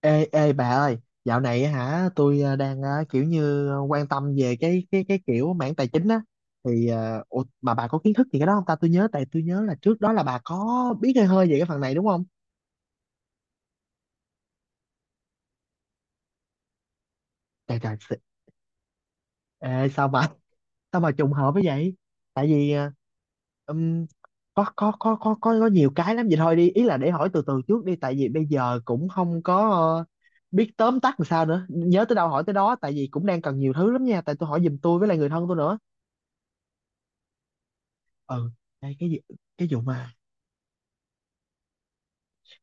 Ê, ê bà ơi, dạo này á hả, tôi đang kiểu như quan tâm về cái kiểu mảng tài chính á thì ủa, mà bà có kiến thức gì cái đó không ta? Tôi nhớ, tôi nhớ là trước đó là bà có biết hơi hơi về cái phần này đúng không? Trời trời, ê, sao mà sao mà trùng hợp với vậy? Tại vì ừm, có nhiều cái lắm vậy thôi đi, ý là để hỏi từ từ trước đi, tại vì bây giờ cũng không có biết tóm tắt làm sao nữa. Nhớ tới đâu hỏi tới đó, tại vì cũng đang cần nhiều thứ lắm nha, tại tôi hỏi giùm tôi với lại người thân tôi nữa. Ừ. Đây cái vụ mà,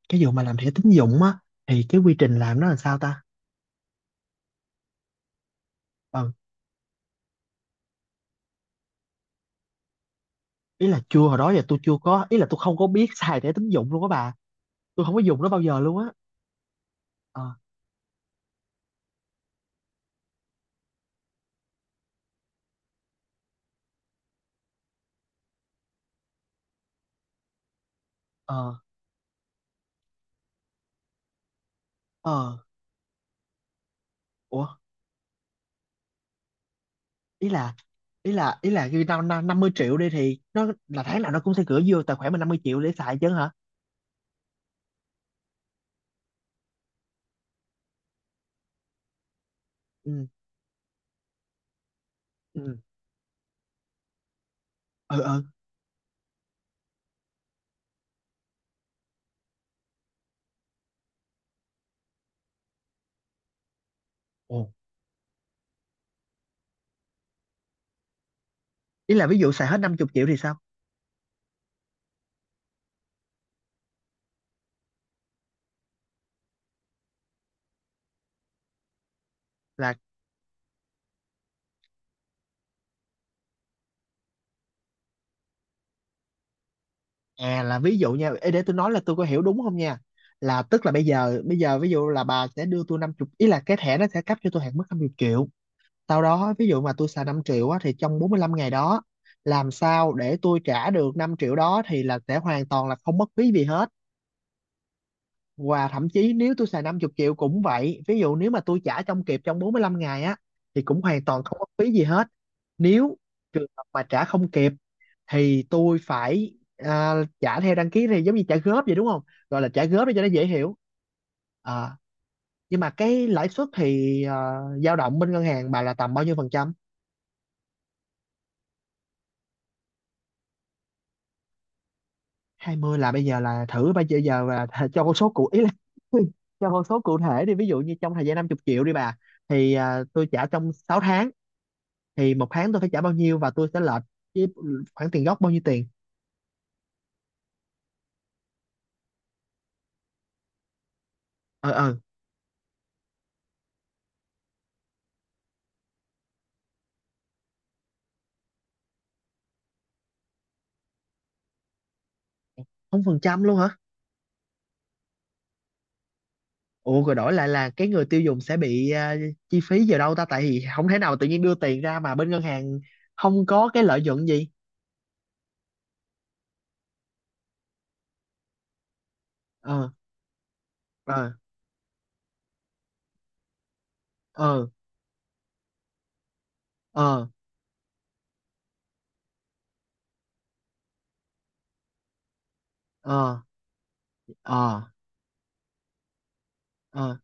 cái vụ mà làm thẻ tín dụng á thì cái quy trình làm nó là sao ta? Ừ, ý là chưa, hồi đó giờ tôi chưa có, ý là tôi không có biết xài thẻ tín dụng luôn á bà, tôi không có dùng nó bao giờ luôn á. Ờ. Ờ. Ờ. Ủa. Ý là ý là ý là khi tao năm năm mươi triệu đi thì nó là tháng nào nó cũng sẽ gửi vô tài khoản mình 50 triệu để xài chứ hả? Ừ ừ ừ. Ừ. Ồ. Ý là ví dụ xài hết 50 triệu thì sao? Là. À, là ví dụ nha ê, để tôi nói là tôi có hiểu đúng không nha, là tức là bây giờ ví dụ là bà sẽ đưa tôi 50, ý là cái thẻ nó sẽ cấp cho tôi hạn mức 50 triệu, sau đó ví dụ mà tôi xài 5 triệu á, thì trong 45 ngày đó làm sao để tôi trả được 5 triệu đó thì là sẽ hoàn toàn là không mất phí gì hết, và thậm chí nếu tôi xài 50 triệu cũng vậy, ví dụ nếu mà tôi trả trong kịp, trong 45 ngày á, thì cũng hoàn toàn không mất phí gì hết. Nếu trường hợp mà trả không kịp thì tôi phải, trả theo đăng ký thì giống như trả góp vậy đúng không, gọi là trả góp để cho nó dễ hiểu. Ờ, nhưng mà cái lãi suất thì dao động bên ngân hàng bà là tầm bao nhiêu phần trăm? 20 là bây giờ là thử bây giờ giờ là cho con số cụ ý là cho con số cụ thể đi, ví dụ như trong thời gian 50 triệu đi bà, thì tôi trả trong 6 tháng thì 1 tháng tôi phải trả bao nhiêu và tôi sẽ lệch với khoản tiền gốc bao nhiêu tiền? Ờ. Ờ. 0% luôn hả? Ủa rồi đổi lại là cái người tiêu dùng sẽ bị, chi phí vào đâu ta, tại vì không thể nào tự nhiên đưa tiền ra mà bên ngân hàng không có cái lợi nhuận gì. Ờ. Ờ. Ờ. Ờ. Ờ. Ờ. Ờ.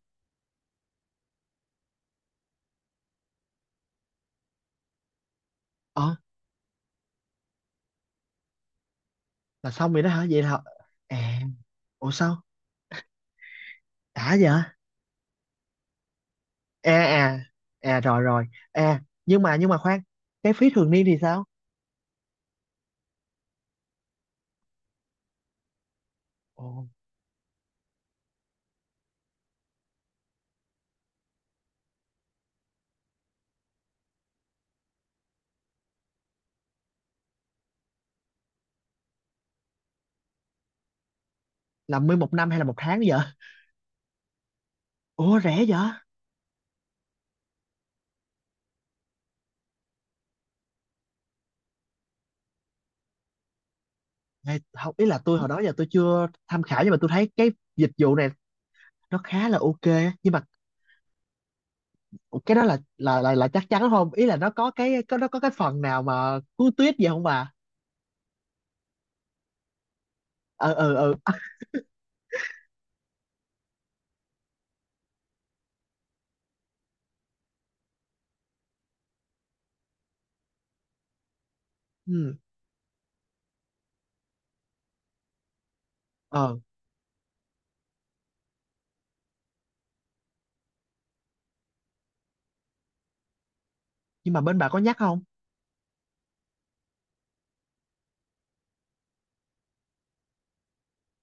Ờ. Là xong rồi đó hả, vậy là? À. Ủa sao? Đã vậy à? À. À rồi rồi. À, nhưng mà, khoan, cái phí thường niên thì sao? Ồ. Là mười một năm hay là một tháng vậy? Ủa rẻ vậy? Này, không, ý là tôi hồi đó giờ tôi chưa tham khảo nhưng mà tôi thấy cái dịch vụ này nó khá là ok á. Nhưng mà cái đó là, chắc chắn không, ý là nó có cái, có nó có cái phần nào mà cứu tuyết gì không bà? Ờ. Ờ. Ờ. Ừ. Ờ, nhưng mà bên bà có nhắc không?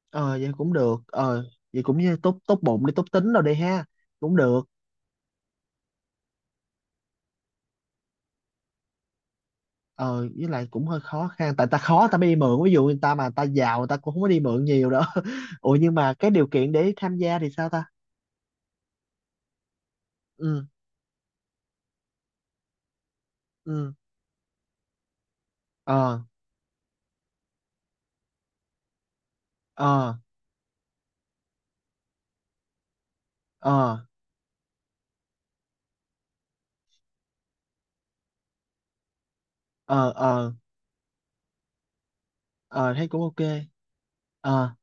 Ờ vậy cũng được, ờ, vậy cũng như tốt, tốt bụng đi, tốt tính rồi đi ha, cũng được. Ờ với lại cũng hơi khó khăn, tại ta khó ta mới đi mượn, ví dụ người ta mà ta giàu người ta cũng không có đi mượn nhiều đâu ủa nhưng mà cái điều kiện để tham gia thì sao ta? Ừ. Ừ. Ờ. Ờ. Ờ. Ờ. Ờ. Ờ thấy cũng ok. Ờ.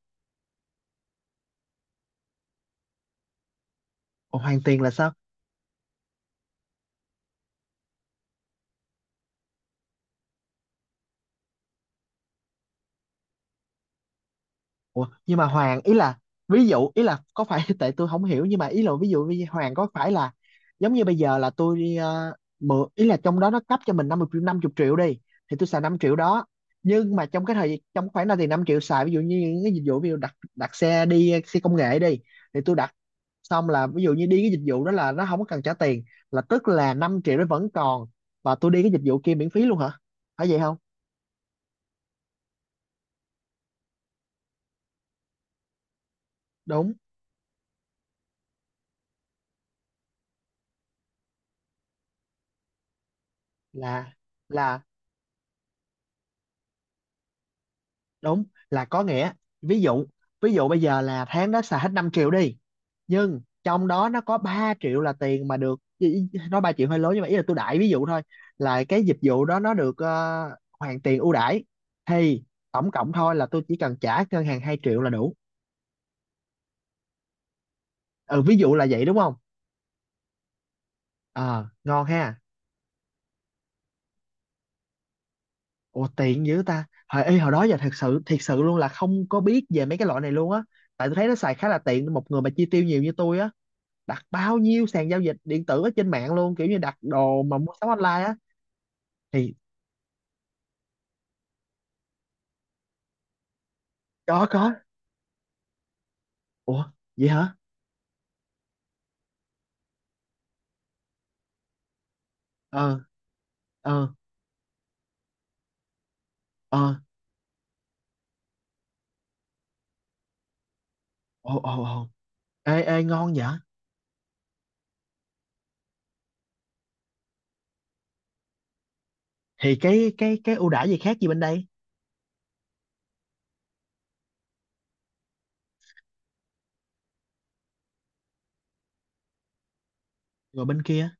Ủa, hoàn tiền là sao? Ủa, nhưng mà Hoàng, ý là ví dụ, ý là có phải tại tôi không hiểu nhưng mà ý là ví dụ như Hoàng có phải là giống như bây giờ là tôi đi, mượn, ý là trong đó nó cấp cho mình 50 triệu, 50 triệu đi, thì tôi xài 5 triệu đó, nhưng mà trong cái thời, trong khoảng đó thì 5 triệu xài ví dụ như những cái dịch vụ ví dụ đặt đặt xe đi, xe công nghệ đi, thì tôi đặt xong, là ví dụ như đi cái dịch vụ đó là nó không có cần trả tiền, là tức là 5 triệu nó vẫn còn và tôi đi cái dịch vụ kia miễn phí luôn hả, phải vậy không? Đúng. Là là đúng. Là có nghĩa ví dụ, ví dụ bây giờ là tháng đó xài hết 5 triệu đi, nhưng trong đó nó có 3 triệu là tiền mà được, nói 3 triệu hơi lớn nhưng mà ý là tôi đại ví dụ thôi, là cái dịch vụ đó nó được, hoàn tiền ưu đãi, thì tổng cộng thôi là tôi chỉ cần trả ngân hàng 2 triệu là đủ. Ừ ví dụ là vậy đúng không? Ờ ngon ha. Ủa tiện dữ ta, hồi đó giờ thật sự thiệt sự luôn là không có biết về mấy cái loại này luôn á, tại tôi thấy nó xài khá là tiện cho một người mà chi tiêu nhiều như tôi á, đặt bao nhiêu sàn giao dịch điện tử ở trên mạng luôn, kiểu như đặt đồ mà mua sắm online á thì. Có có. Ủa vậy hả? Ờ. Ờ. Ờ. Ồ. Ồ. Ồ. Ê, ê ngon vậy, thì cái ưu đãi gì khác gì bên đây, rồi bên kia?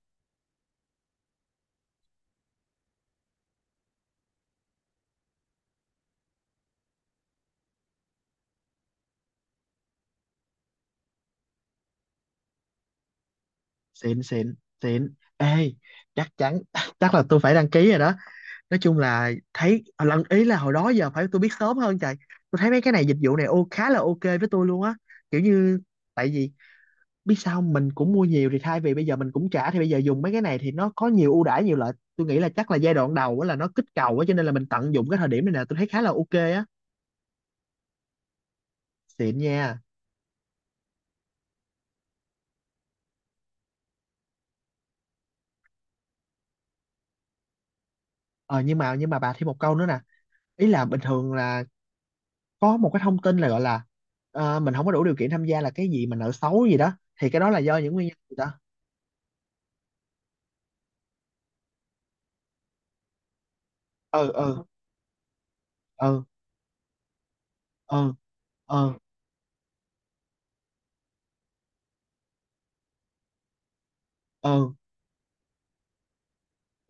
Xịn. Xịn. Xịn ê. Chắc chắn chắc là tôi phải đăng ký rồi đó, nói chung là thấy lần, ý là hồi đó giờ phải tôi biết sớm hơn trời, tôi thấy mấy cái này dịch vụ này ô khá là ok với tôi luôn á, kiểu như, tại vì biết sao không? Mình cũng mua nhiều thì thay vì bây giờ mình cũng trả thì bây giờ dùng mấy cái này thì nó có nhiều ưu đãi nhiều lợi, tôi nghĩ là chắc là giai đoạn đầu á là nó kích cầu á cho nên là mình tận dụng cái thời điểm này nè, tôi thấy khá là ok á. Xịn nha. Ờ, nhưng mà, bà thêm một câu nữa nè, ý là bình thường là có một cái thông tin là gọi là, mình không có đủ điều kiện tham gia là cái gì mà nợ xấu gì đó, thì cái đó là do những nguyên nhân gì đó. Ừ. Ừ. Ừ. Ừ. Ừ. Ừ.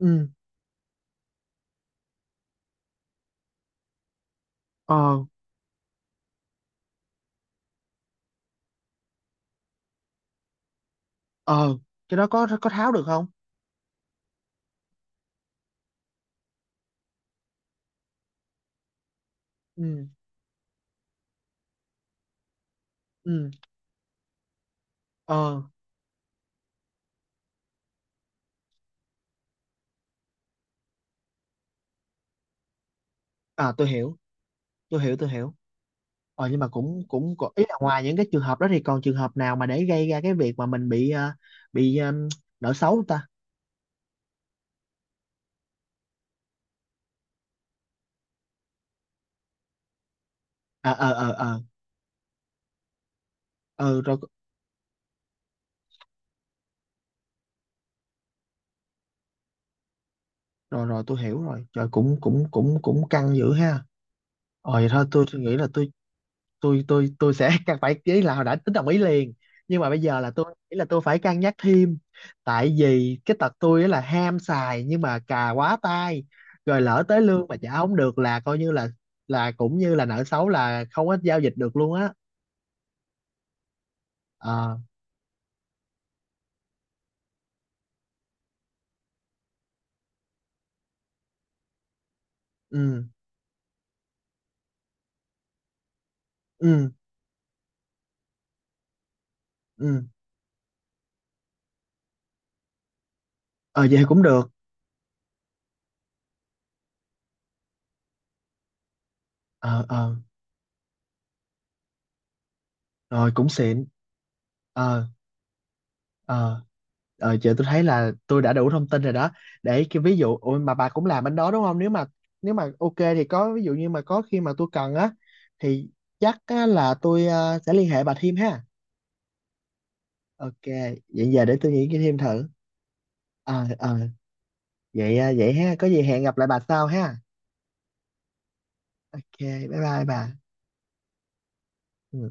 Ừ. Ờ. Ờ. Cái đó có tháo được không? Ừ. Ừ. Ờ. À tôi hiểu tôi hiểu. Ờ nhưng mà cũng cũng có- ý là ngoài những cái trường hợp đó thì còn trường hợp nào mà để gây ra cái việc mà mình bị, bị, nợ xấu không ta? À, ờ ờ ờ. Ờ rồi rồi, rồi tôi hiểu rồi. Trời cũng cũng cũng cũng căng dữ ha. Ờ vậy thôi tôi nghĩ là tôi sẽ cần phải, ý là hồi đã tính đồng ý liền. Nhưng mà bây giờ là tôi nghĩ là tôi phải cân nhắc thêm. Tại vì cái tật tôi á là ham xài nhưng mà cà quá tay. Rồi lỡ tới lương mà trả không được là coi như là cũng như là nợ xấu, là không có giao dịch được luôn á. Ờ. Ừ. Ừ. Ừ. Ờ vậy cũng được. Ờ. Ờ rồi cũng xịn. Ờ. Ờ. Ờ giờ tôi thấy là tôi đã đủ thông tin rồi đó, để cái ví dụ ôi mà bà cũng làm bên đó đúng không, nếu mà ok thì có ví dụ như mà có khi mà tôi cần á thì chắc á, là tôi sẽ liên hệ bà thêm ha. Ok. Vậy giờ để tôi nghĩ cái thêm thử. Ờ. Ờ. Vậy, vậy ha, có gì hẹn gặp lại bà sau ha. Ok, bye bye bà. Ừ.